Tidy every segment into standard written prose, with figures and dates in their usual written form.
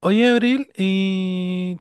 Oye, Abril, y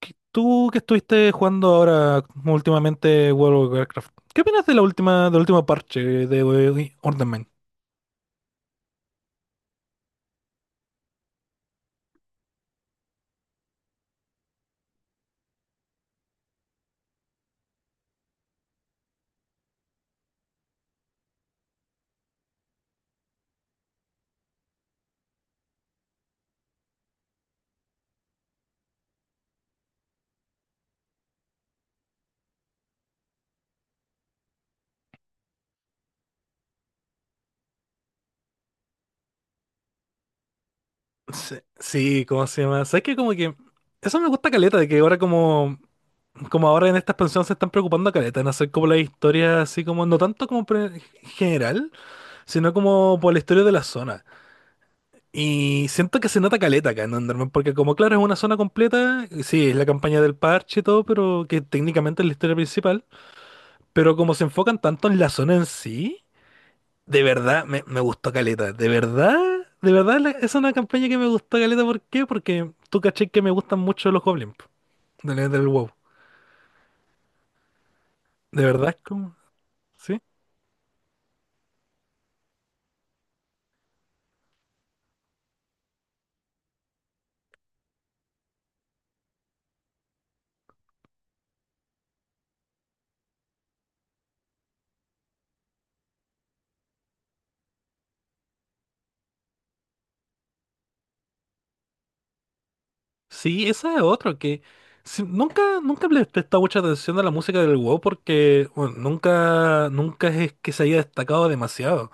tú que estuviste jugando ahora últimamente World of Warcraft, ¿qué opinas de la última, del último parche de Ornament? Sí, sí, ¿cómo se llama? ¿Sabes que como que eso me gusta caleta, de que ahora como ahora en esta expansión se están preocupando caleta en hacer como la historia así como no tanto como general, sino como por la historia de la zona? Y siento que se nota caleta acá en Enderman, porque como claro, es una zona completa, y sí, es la campaña del parche y todo, pero que técnicamente es la historia principal, pero como se enfocan tanto en la zona en sí, de verdad me gustó caleta, de verdad, es una campaña que me gustó caleta. ¿Por qué? Porque tú caché que me gustan mucho los goblins po, del WoW, de verdad es como, ¿sí? Sí, esa es otra que nunca le he prestado mucha atención a la música del WoW porque bueno, nunca es que se haya destacado demasiado.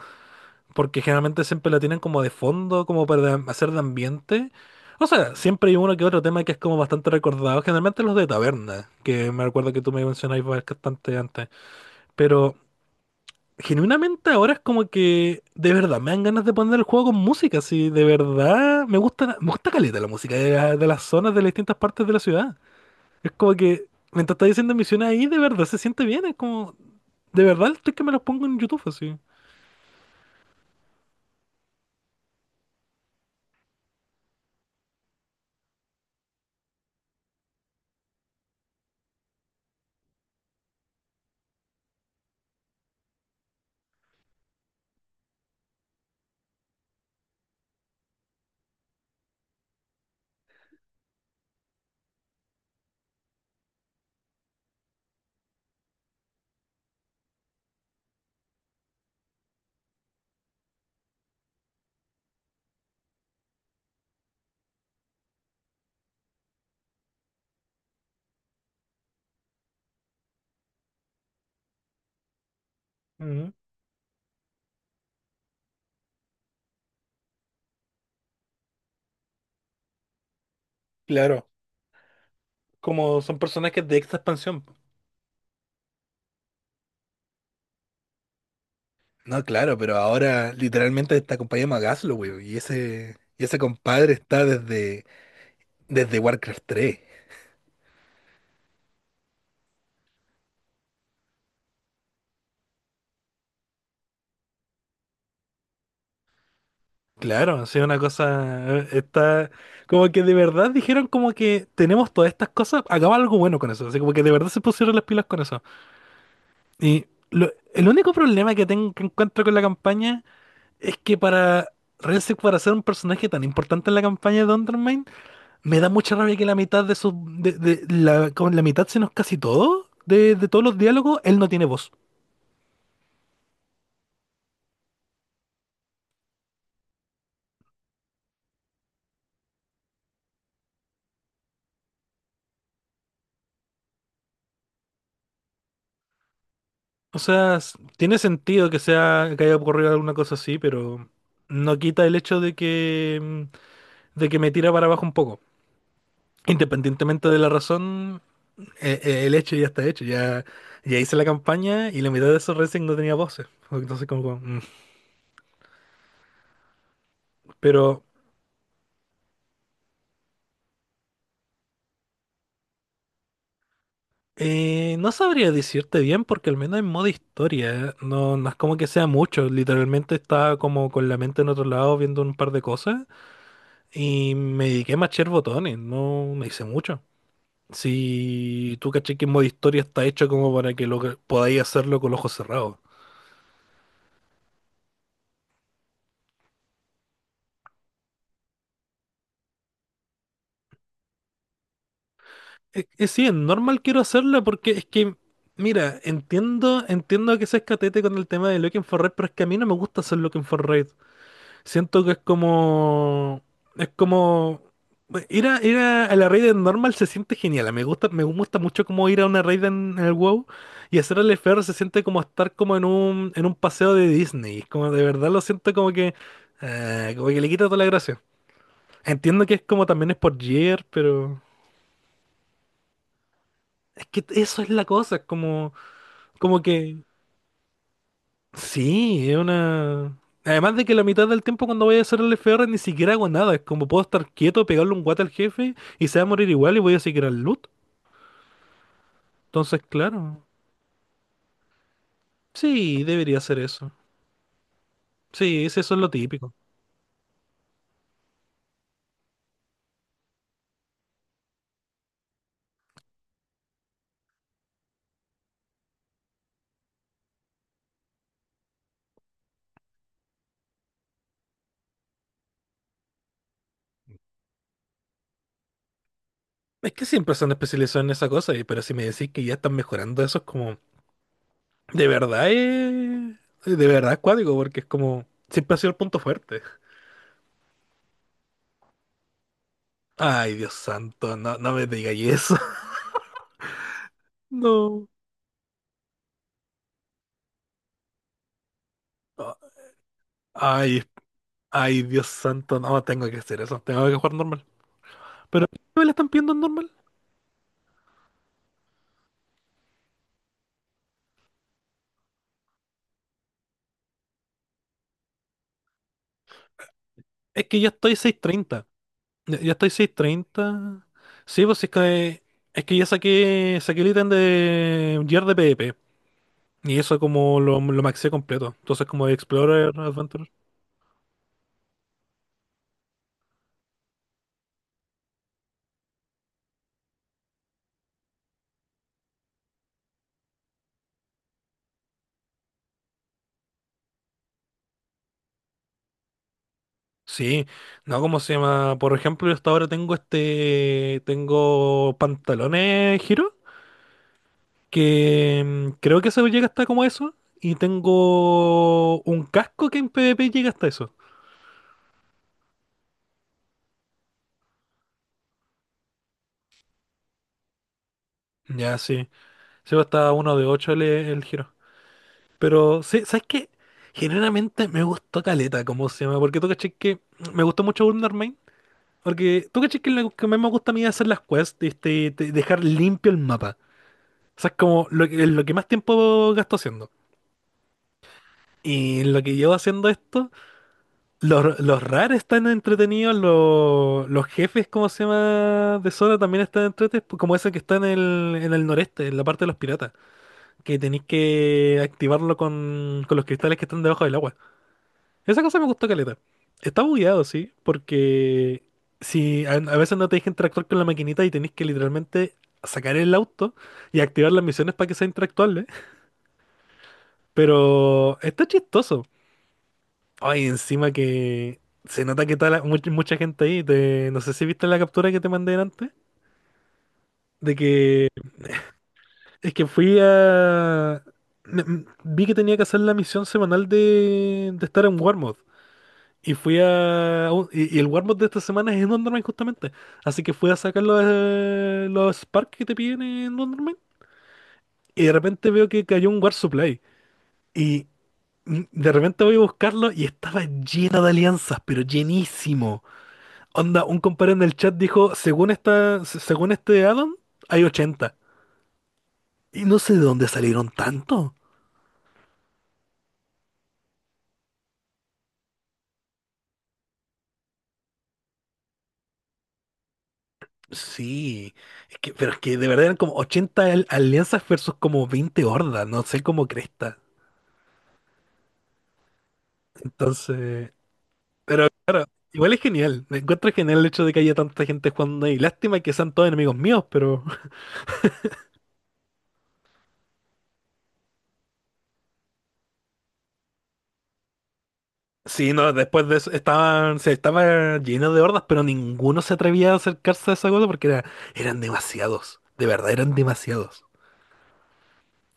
Porque generalmente siempre la tienen como de fondo, como para hacer de ambiente. O sea, siempre hay uno que otro tema que es como bastante recordado. Generalmente los de taberna, que me recuerdo que tú me mencionabas bastante antes. Pero genuinamente ahora es como que de verdad me dan ganas de poner el juego con música. Si de verdad me gusta caleta la música de, de las zonas de las distintas partes de la ciudad. Es como que mientras está diciendo misiones ahí, de verdad se siente bien. Es como, de verdad estoy que me los pongo en YouTube así. Ujú. Claro, como son personajes de esta expansión. No, claro, pero ahora literalmente esta compañía llama Gaslow, y ese compadre está desde Warcraft 3. Claro, sí, una cosa está como que de verdad dijeron como que tenemos todas estas cosas, hagamos algo bueno con eso, así como que de verdad se pusieron las pilas con eso. Y el único problema que tengo que encuentro con la campaña es que para Renfield, para ser un personaje tan importante en la campaña de Undermine, me da mucha rabia que la mitad de su... De, con la mitad, sino casi todo, de todos los diálogos, él no tiene voz. O sea, tiene sentido que sea, que haya ocurrido alguna cosa así, pero no quita el hecho de que, de que me tira para abajo un poco. Independientemente de la razón, el hecho ya está hecho. Ya, ya hice la campaña y la mitad de esos Renfield no tenía voces. Entonces, como. Pero no sabría decirte bien porque al menos en modo historia ¿eh? No es como que sea mucho, literalmente estaba como con la mente en otro lado viendo un par de cosas y me dediqué a machar botones, no me hice mucho. Si tú caché que en modo historia está hecho como para que podáis hacerlo con los ojos cerrados. Es normal quiero hacerla porque es que, mira, entiendo que seas catete con el tema de Looking for Red, pero es que a mí no me gusta hacer Looking for Red. Siento que es como. Es como. A la raid en normal se siente genial. Me gusta mucho como ir a una raid en el WoW y hacer el FR se siente como estar como en en un paseo de Disney. Como de verdad lo siento como que. Como que le quita toda la gracia. Entiendo que es como también es por gear pero. Es que eso es la cosa. Es como. Como que. Sí, es una... Además de que la mitad del tiempo cuando voy a hacer el F. R. ni siquiera hago nada. Es como puedo estar quieto, pegarle un guate al jefe y se va a morir igual y voy a seguir al loot. Entonces, claro. Sí, debería ser eso. Sí, sí, eso es lo típico. Es que siempre se han especializado en esa cosa, pero si me decís que ya están mejorando eso es como... De verdad es... De verdad es cuático, porque es como... Siempre ha sido el punto fuerte. Ay, Dios santo, no me digáis eso. No. Ay, Ay, Dios santo, no, tengo que hacer eso, tengo que jugar normal. Pero, ¿qué me la están pidiendo en normal? Es que ya estoy 630. Ya ya estoy 630. Sí, pues si es que, es que ya saqué, saqué el ítem de Gear de PvP. Y eso como lo maxé completo. Entonces como de Explorer Adventure. Sí, no, ¿cómo se llama? Por ejemplo, yo hasta ahora tengo este, tengo pantalones giro, que creo que eso llega hasta como eso. Y tengo un casco que en PvP llega hasta eso. Ya, sí. Sí, hasta uno de ocho el giro. Pero, sí, ¿sabes qué? Generalmente me gustó caleta, como se llama, porque tú caché que me gustó mucho Wonder Main. Porque tú caché que lo que más me gusta a mí es hacer las quests, este, dejar limpio el mapa. O sea, es como lo, lo que más tiempo gasto haciendo. Y lo que llevo haciendo esto, los rares están entretenidos, los jefes, cómo se llama, de zona también están entretenidos, como ese que está en el noreste, en la parte de los piratas, que tenéis que activarlo con los cristales que están debajo del agua. Esa cosa me gustó caleta. Está bugueado, sí, porque si a veces no te deja interactuar con la maquinita y tenéis que literalmente sacar el auto y activar las misiones para que sea interactuable, pero está chistoso. Ay, encima que se nota que está mucha, mucha gente ahí. No sé si viste la captura que te mandé antes, de que es que fui a... Vi que tenía que hacer la misión semanal de estar en Warmod. Y fui a... Y, y el Warmod de esta semana es en Wonderman justamente. Así que fui a sacar los Spark que te piden en Wonderman. Y de repente veo que cayó un War Supply. Y de repente voy a buscarlo y estaba lleno de alianzas, pero llenísimo. Onda, un compadre en el chat dijo, según esta, según este addon, hay 80. Y no sé de dónde salieron tanto. Sí, es que, pero es que de verdad eran como 80 alianzas versus como 20 hordas, no sé cómo cresta. Entonces... Pero claro, igual es genial. Me encuentro genial el hecho de que haya tanta gente jugando ahí. Lástima que sean todos enemigos míos, pero sí, no, después de eso estaban, se estaba lleno de hordas, pero ninguno se atrevía a acercarse a esa cosa porque era, eran demasiados. De verdad, eran demasiados.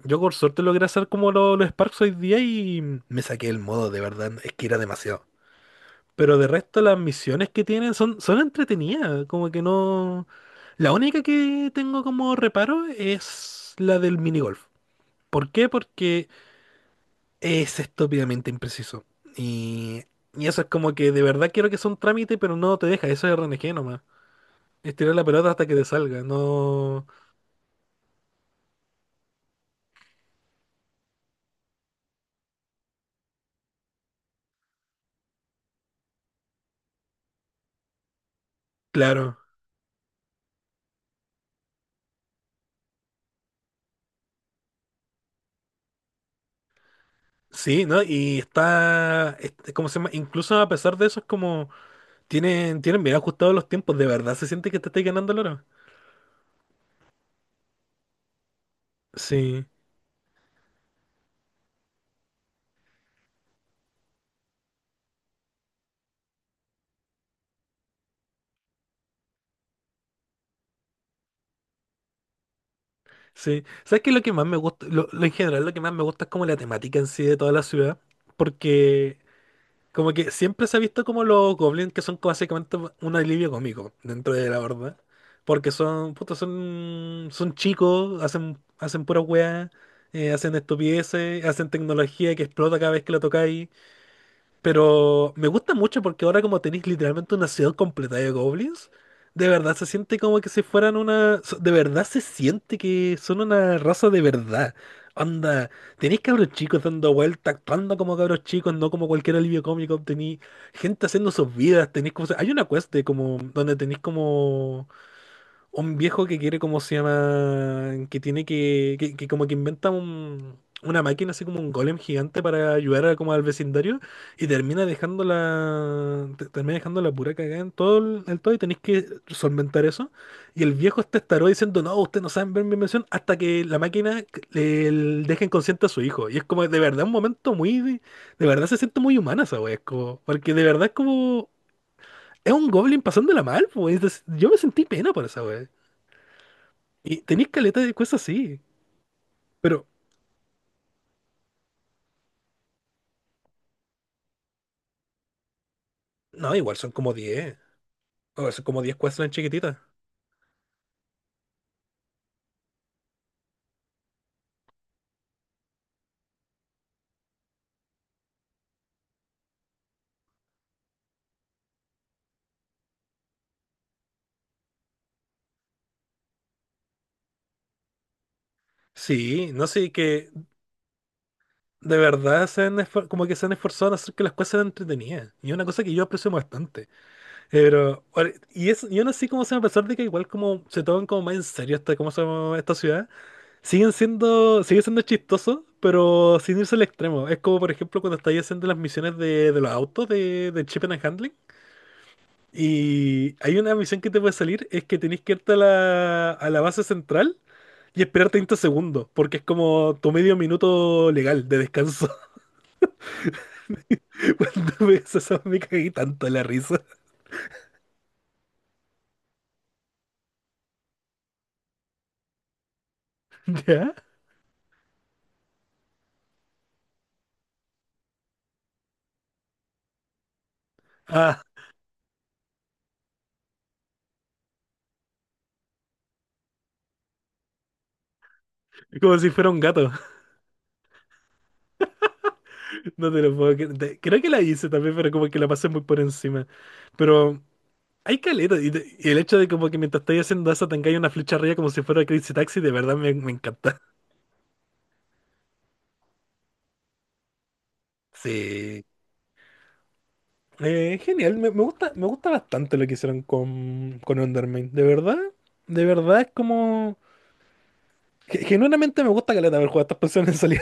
Yo por suerte logré hacer como los Sparks hoy día y me saqué el modo, de verdad, es que era demasiado. Pero de resto las misiones que tienen son, son entretenidas, como que no... La única que tengo como reparo es la del minigolf. ¿Por qué? Porque es estúpidamente impreciso. Y, y eso es como que de verdad quiero que sea un trámite, pero no te deja. Eso es RNG nomás. Estirar la pelota hasta que te salga. No. Claro. Sí, ¿no? ¿Cómo se llama? Incluso a pesar de eso, es como. Tienen, tienen bien ajustados los tiempos. De verdad se siente que te estáis ganando el oro. Sí. Sí. ¿Sabes qué? Es lo que más me gusta. Lo en general, lo que más me gusta es como la temática en sí de toda la ciudad. Porque como que siempre se ha visto como los goblins que son como básicamente un alivio cómico dentro de la horda. Porque son, puta, son chicos, hacen pura weá, hacen estupideces, hacen tecnología que explota cada vez que la tocáis. Pero me gusta mucho porque ahora como tenéis literalmente una ciudad completa de goblins, de verdad se siente como que si fueran una... De verdad se siente que son una raza de verdad. Onda, tenéis cabros chicos dando vueltas, actuando como cabros chicos, no como cualquier alivio cómico. Tenéis gente haciendo sus vidas, tenéis como... Hay una quest de como... donde tenéis como... Un viejo que quiere, ¿cómo se llama? Que tiene que, que como que inventa una máquina, así como un golem gigante para ayudar a- como al vecindario y termina dejando la, termina dejando la pura cagada en todo el, en todo y tenéis que solventar eso. Y el viejo está estaró diciendo, no, usted no saben ver mi invención hasta que la máquina deja inconsciente a su hijo. Y es como de verdad un momento muy, de verdad se siente muy humana esa wea, es como, porque de verdad es como... Es un goblin pasándola mal, pues. Yo me sentí pena por esa wea. Y tenéis caleta de cosas así. Pero, no, igual son como diez, o son como 10 cuestiones chiquititas. Sí, no sé, que de verdad como que se han esforzado en hacer que las cosas sean entretenidas. Y es una cosa que yo aprecio bastante. Pero, yo no sé cómo se va a pesar de que igual como se toman como más en serio esta, cómo se llama esta ciudad, sigue siendo chistoso, pero sin irse al extremo. Es como por ejemplo cuando estáis haciendo las misiones de los autos de Chip and... Y hay una misión que te puede salir, es que tenés que irte a la base central y esperar 30 segundos, porque es como tu medio minuto legal de descanso. Cuando ves eso me caí tanto en la risa. ¿Ya? Ah, como si fuera un gato. No te lo puedo Creo que la hice también, pero como que la pasé muy por encima. Pero hay caleta. Y, y el hecho de como que mientras estáis haciendo eso tengáis una flecha arriba como si fuera Crazy Taxi, de verdad me encanta. Sí. Genial, me gusta bastante lo que hicieron con Undermine. De verdad es como. Genuinamente me gusta caleta haber jugado a estas personas.